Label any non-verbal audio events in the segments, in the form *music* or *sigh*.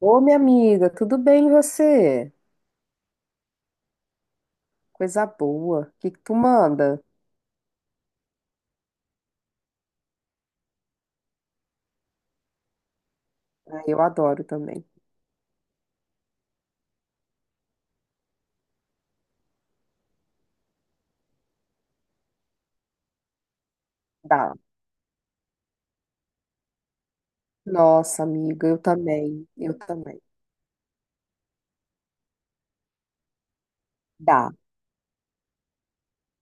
Ô, minha amiga, tudo bem e você? Coisa boa. O que que tu manda? Ah, eu adoro também. Dá. Nossa, amiga, eu também. Eu também. Dá.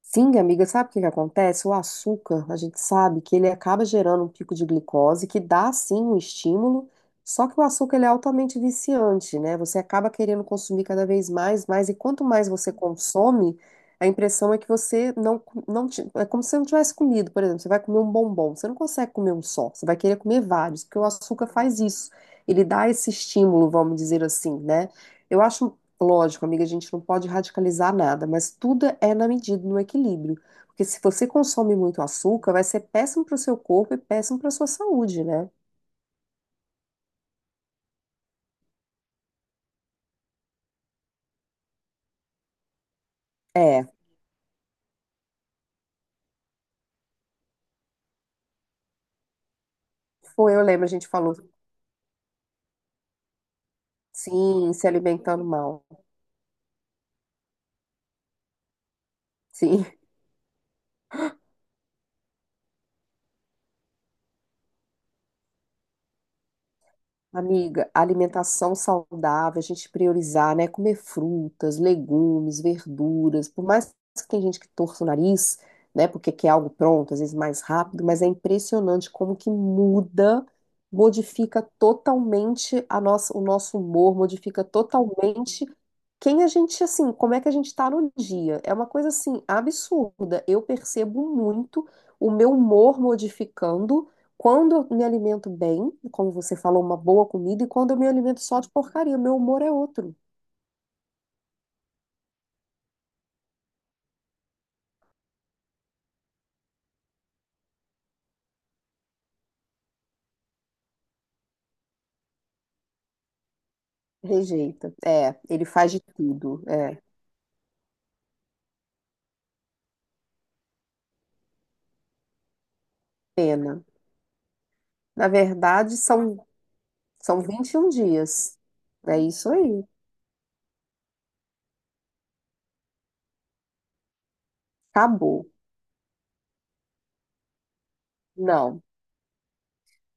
Sim, amiga, sabe o que que acontece? O açúcar, a gente sabe que ele acaba gerando um pico de glicose, que dá sim um estímulo, só que o açúcar ele é altamente viciante, né? Você acaba querendo consumir cada vez mais, mais, e quanto mais você consome, a impressão é que você é como se você não tivesse comido, por exemplo, você vai comer um bombom, você não consegue comer um só, você vai querer comer vários, porque o açúcar faz isso, ele dá esse estímulo, vamos dizer assim, né? Eu acho Lógico, amiga, a gente não pode radicalizar nada, mas tudo é na medida, no equilíbrio. Porque se você consome muito açúcar, vai ser péssimo para o seu corpo e péssimo para a sua saúde, né? É, foi, eu lembro, a gente falou, sim, se alimentando mal. Sim. Amiga, alimentação saudável, a gente priorizar, né? Comer frutas, legumes, verduras, por mais que tem gente que torça o nariz, né? Porque quer algo pronto, às vezes mais rápido, mas é impressionante como que muda, modifica totalmente a nossa, o nosso humor, modifica totalmente quem a gente, assim, como é que a gente tá no dia. É uma coisa, assim, absurda. Eu percebo muito o meu humor modificando quando eu me alimento bem, como você falou, uma boa comida, e quando eu me alimento só de porcaria, meu humor é outro. Rejeita. É, ele faz de tudo. É, pena. Na verdade, são, são 21 dias. É isso aí. Acabou. Não.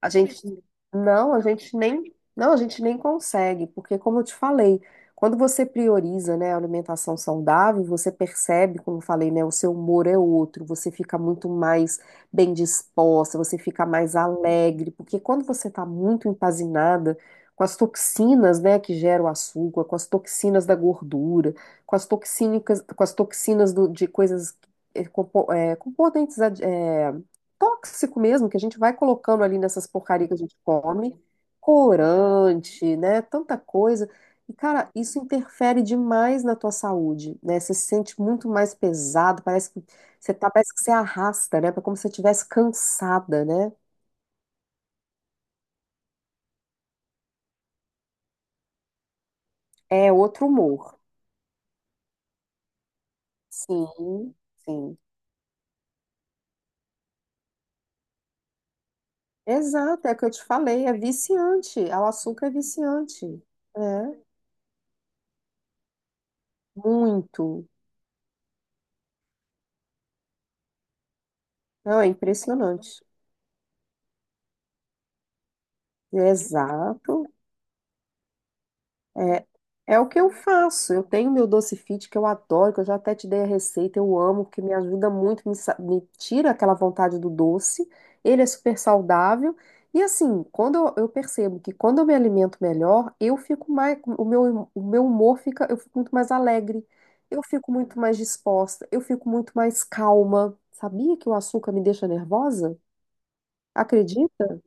A gente a gente nem consegue, porque como eu te falei, quando você prioriza, né, a alimentação saudável, você percebe, como eu falei, né, o seu humor é outro, você fica muito mais bem disposta, você fica mais alegre, porque quando você está muito empazinada com as toxinas, né, que geram o açúcar, com as toxinas da gordura, com as toxínicas, com as toxinas de coisas componentes tóxico mesmo que a gente vai colocando ali nessas porcarias que a gente come, corante, né? Tanta coisa. E, cara, isso interfere demais na tua saúde, né? Você se sente muito mais pesado, parece que você tá, parece que você arrasta, né? É como se você estivesse cansada, né? É outro humor. Sim, sim. Exato, é o que eu te falei, é viciante. O açúcar é viciante. É, muito. Não, é impressionante. Exato. É, é o que eu faço. Eu tenho meu doce fit que eu adoro, que eu já até te dei a receita, eu amo, porque me ajuda muito, me tira aquela vontade do doce. Ele é super saudável. E assim, eu percebo que quando eu me alimento melhor, eu fico mais, o meu humor fica, eu fico muito mais alegre, eu fico muito mais disposta, eu fico muito mais calma. Sabia que o açúcar me deixa nervosa? Acredita?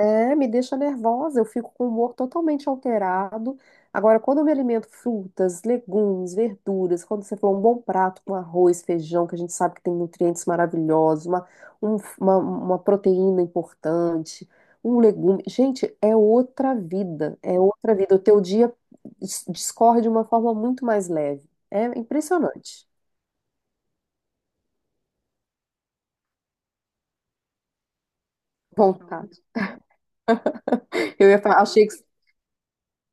É, me deixa nervosa, eu fico com o humor totalmente alterado. Agora, quando eu me alimento frutas, legumes, verduras, quando você falou um bom prato com arroz, feijão, que a gente sabe que tem nutrientes maravilhosos, uma proteína importante, um legume. Gente, é outra vida, é outra vida. O teu dia discorre de uma forma muito mais leve. É impressionante. Vontade. Eu ia falar, achei que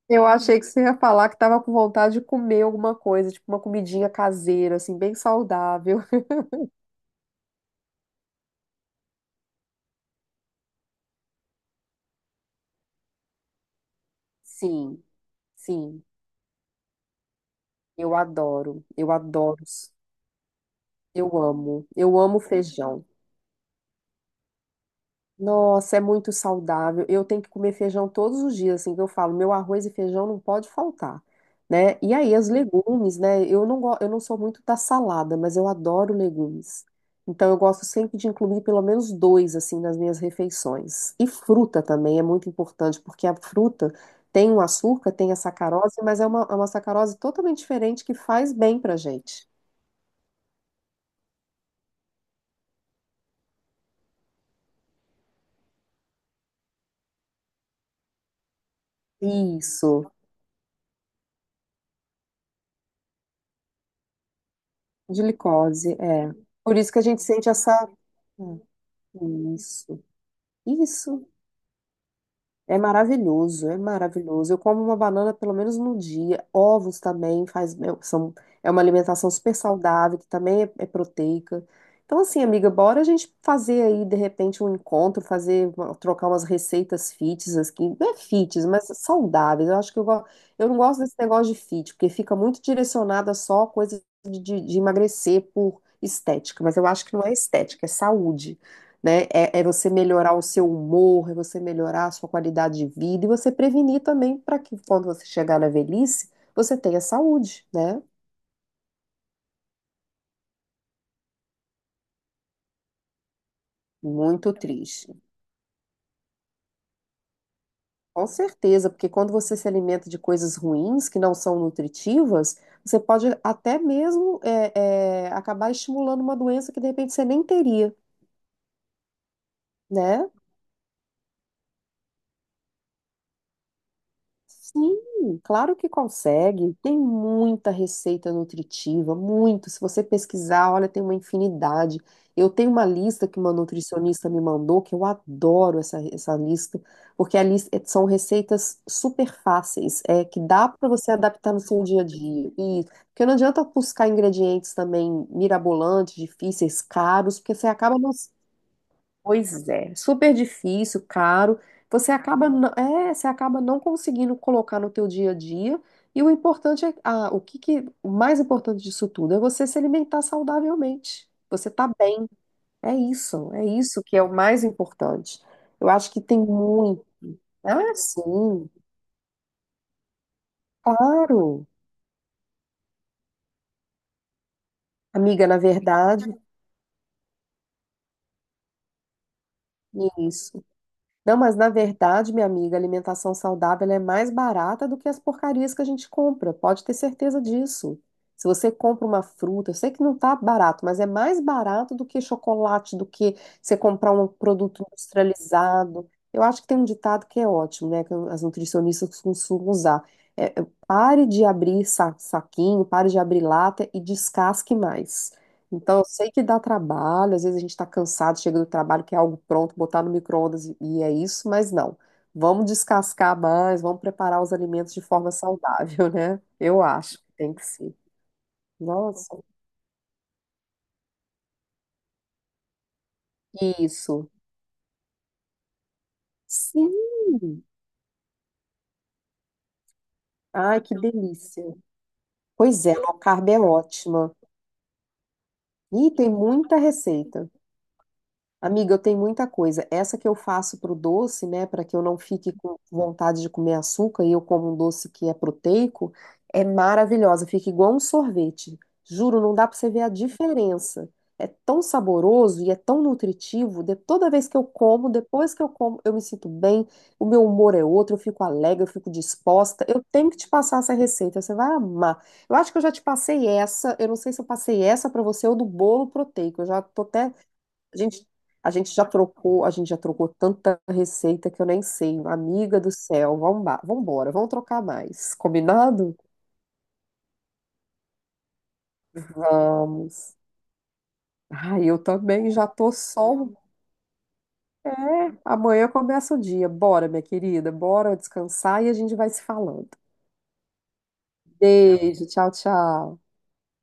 Eu achei que você ia falar que tava com vontade de comer alguma coisa, tipo uma comidinha caseira, assim, bem saudável. *laughs* Sim, sim, eu adoro, eu adoro, eu amo feijão. Nossa, é muito saudável. Eu tenho que comer feijão todos os dias, assim que eu falo, meu arroz e feijão não pode faltar, né? E aí os legumes, né? Eu não go... eu não sou muito da salada, mas eu adoro legumes. Então eu gosto sempre de incluir pelo menos dois assim nas minhas refeições. E fruta também é muito importante, porque a fruta tem o açúcar, tem a sacarose, mas é uma sacarose totalmente diferente que faz bem pra gente. Isso, de glicose, é. Por isso que a gente sente essa hum, Isso. Isso é maravilhoso, é maravilhoso. Eu como uma banana pelo menos no dia. Ovos também faz, são, é uma alimentação super saudável, que também é proteica. Então, assim, amiga, bora a gente fazer aí, de repente, um encontro, fazer, uma- trocar umas receitas fits aqui. Não é fits, mas saudáveis. Eu acho que eu, go- eu não gosto desse negócio de fit, porque fica muito direcionada só a coisa de emagrecer por estética. Mas eu acho que não é estética, é saúde né? É você melhorar o seu humor, é você melhorar a sua qualidade de vida e você prevenir também para que quando você chegar na velhice, você tenha saúde, né? Muito triste. Com certeza, porque quando você se alimenta de coisas ruins que não são nutritivas, você pode até mesmo acabar estimulando uma doença que de repente você nem teria, né? Sim, claro que consegue. Tem muita receita nutritiva, muito. Se você pesquisar, olha, tem uma infinidade. Eu tenho uma lista que uma nutricionista me mandou, que eu adoro essa lista, porque a lista, são receitas super fáceis, que dá para você adaptar no seu dia a dia. E, porque não adianta buscar ingredientes também mirabolantes, difíceis, caros, porque você acaba não Pois é, super difícil, caro. Você acaba não conseguindo colocar no teu dia a dia. E o importante é, ah, o mais importante disso tudo é você se alimentar saudavelmente. Você tá bem. É isso que é o mais importante. Eu acho que tem muito. Ah, sim, claro. Amiga, na verdade, isso. Não, mas na verdade, minha amiga, a alimentação saudável ela é mais barata do que as porcarias que a gente compra. Pode ter certeza disso. Se você compra uma fruta, eu sei que não tá barato, mas é mais barato do que chocolate, do que você comprar um produto industrializado. Eu acho que tem um ditado que é ótimo, né? Que as nutricionistas costumam usar. Pare de abrir saquinho, pare de abrir lata e descasque mais. Então, eu sei que dá trabalho, às vezes a gente está cansado, chega do trabalho, quer algo pronto, botar no micro-ondas e é isso, mas não. Vamos descascar mais, vamos preparar os alimentos de forma saudável, *laughs* né? Eu acho que tem que ser. Nossa, isso. Sim! Ai, que delícia. Pois é, low carb é ótima. E tem muita receita. Amiga, eu tenho muita coisa. Essa que eu faço pro doce, né, para que eu não fique com vontade de comer açúcar e eu como um doce que é proteico, é maravilhosa. Fica igual um sorvete. Juro, não dá para você ver a diferença. É tão saboroso e é tão nutritivo. Toda vez que eu como, depois que eu como, eu me sinto bem, o meu humor é outro, eu fico alegre, eu fico disposta. Eu tenho que te passar essa receita, você vai amar. Eu acho que eu já te passei essa. Eu não sei se eu passei essa para você ou do bolo proteico. Eu já tô até a gente, a gente já trocou, a gente já trocou tanta receita que eu nem sei. Amiga do céu, vamos embora, vamos trocar mais. Combinado? Vamos. Ai, eu também já tô só. Amanhã começa o dia. Bora, minha querida, bora descansar e a gente vai se falando. Beijo, tchau, tchau.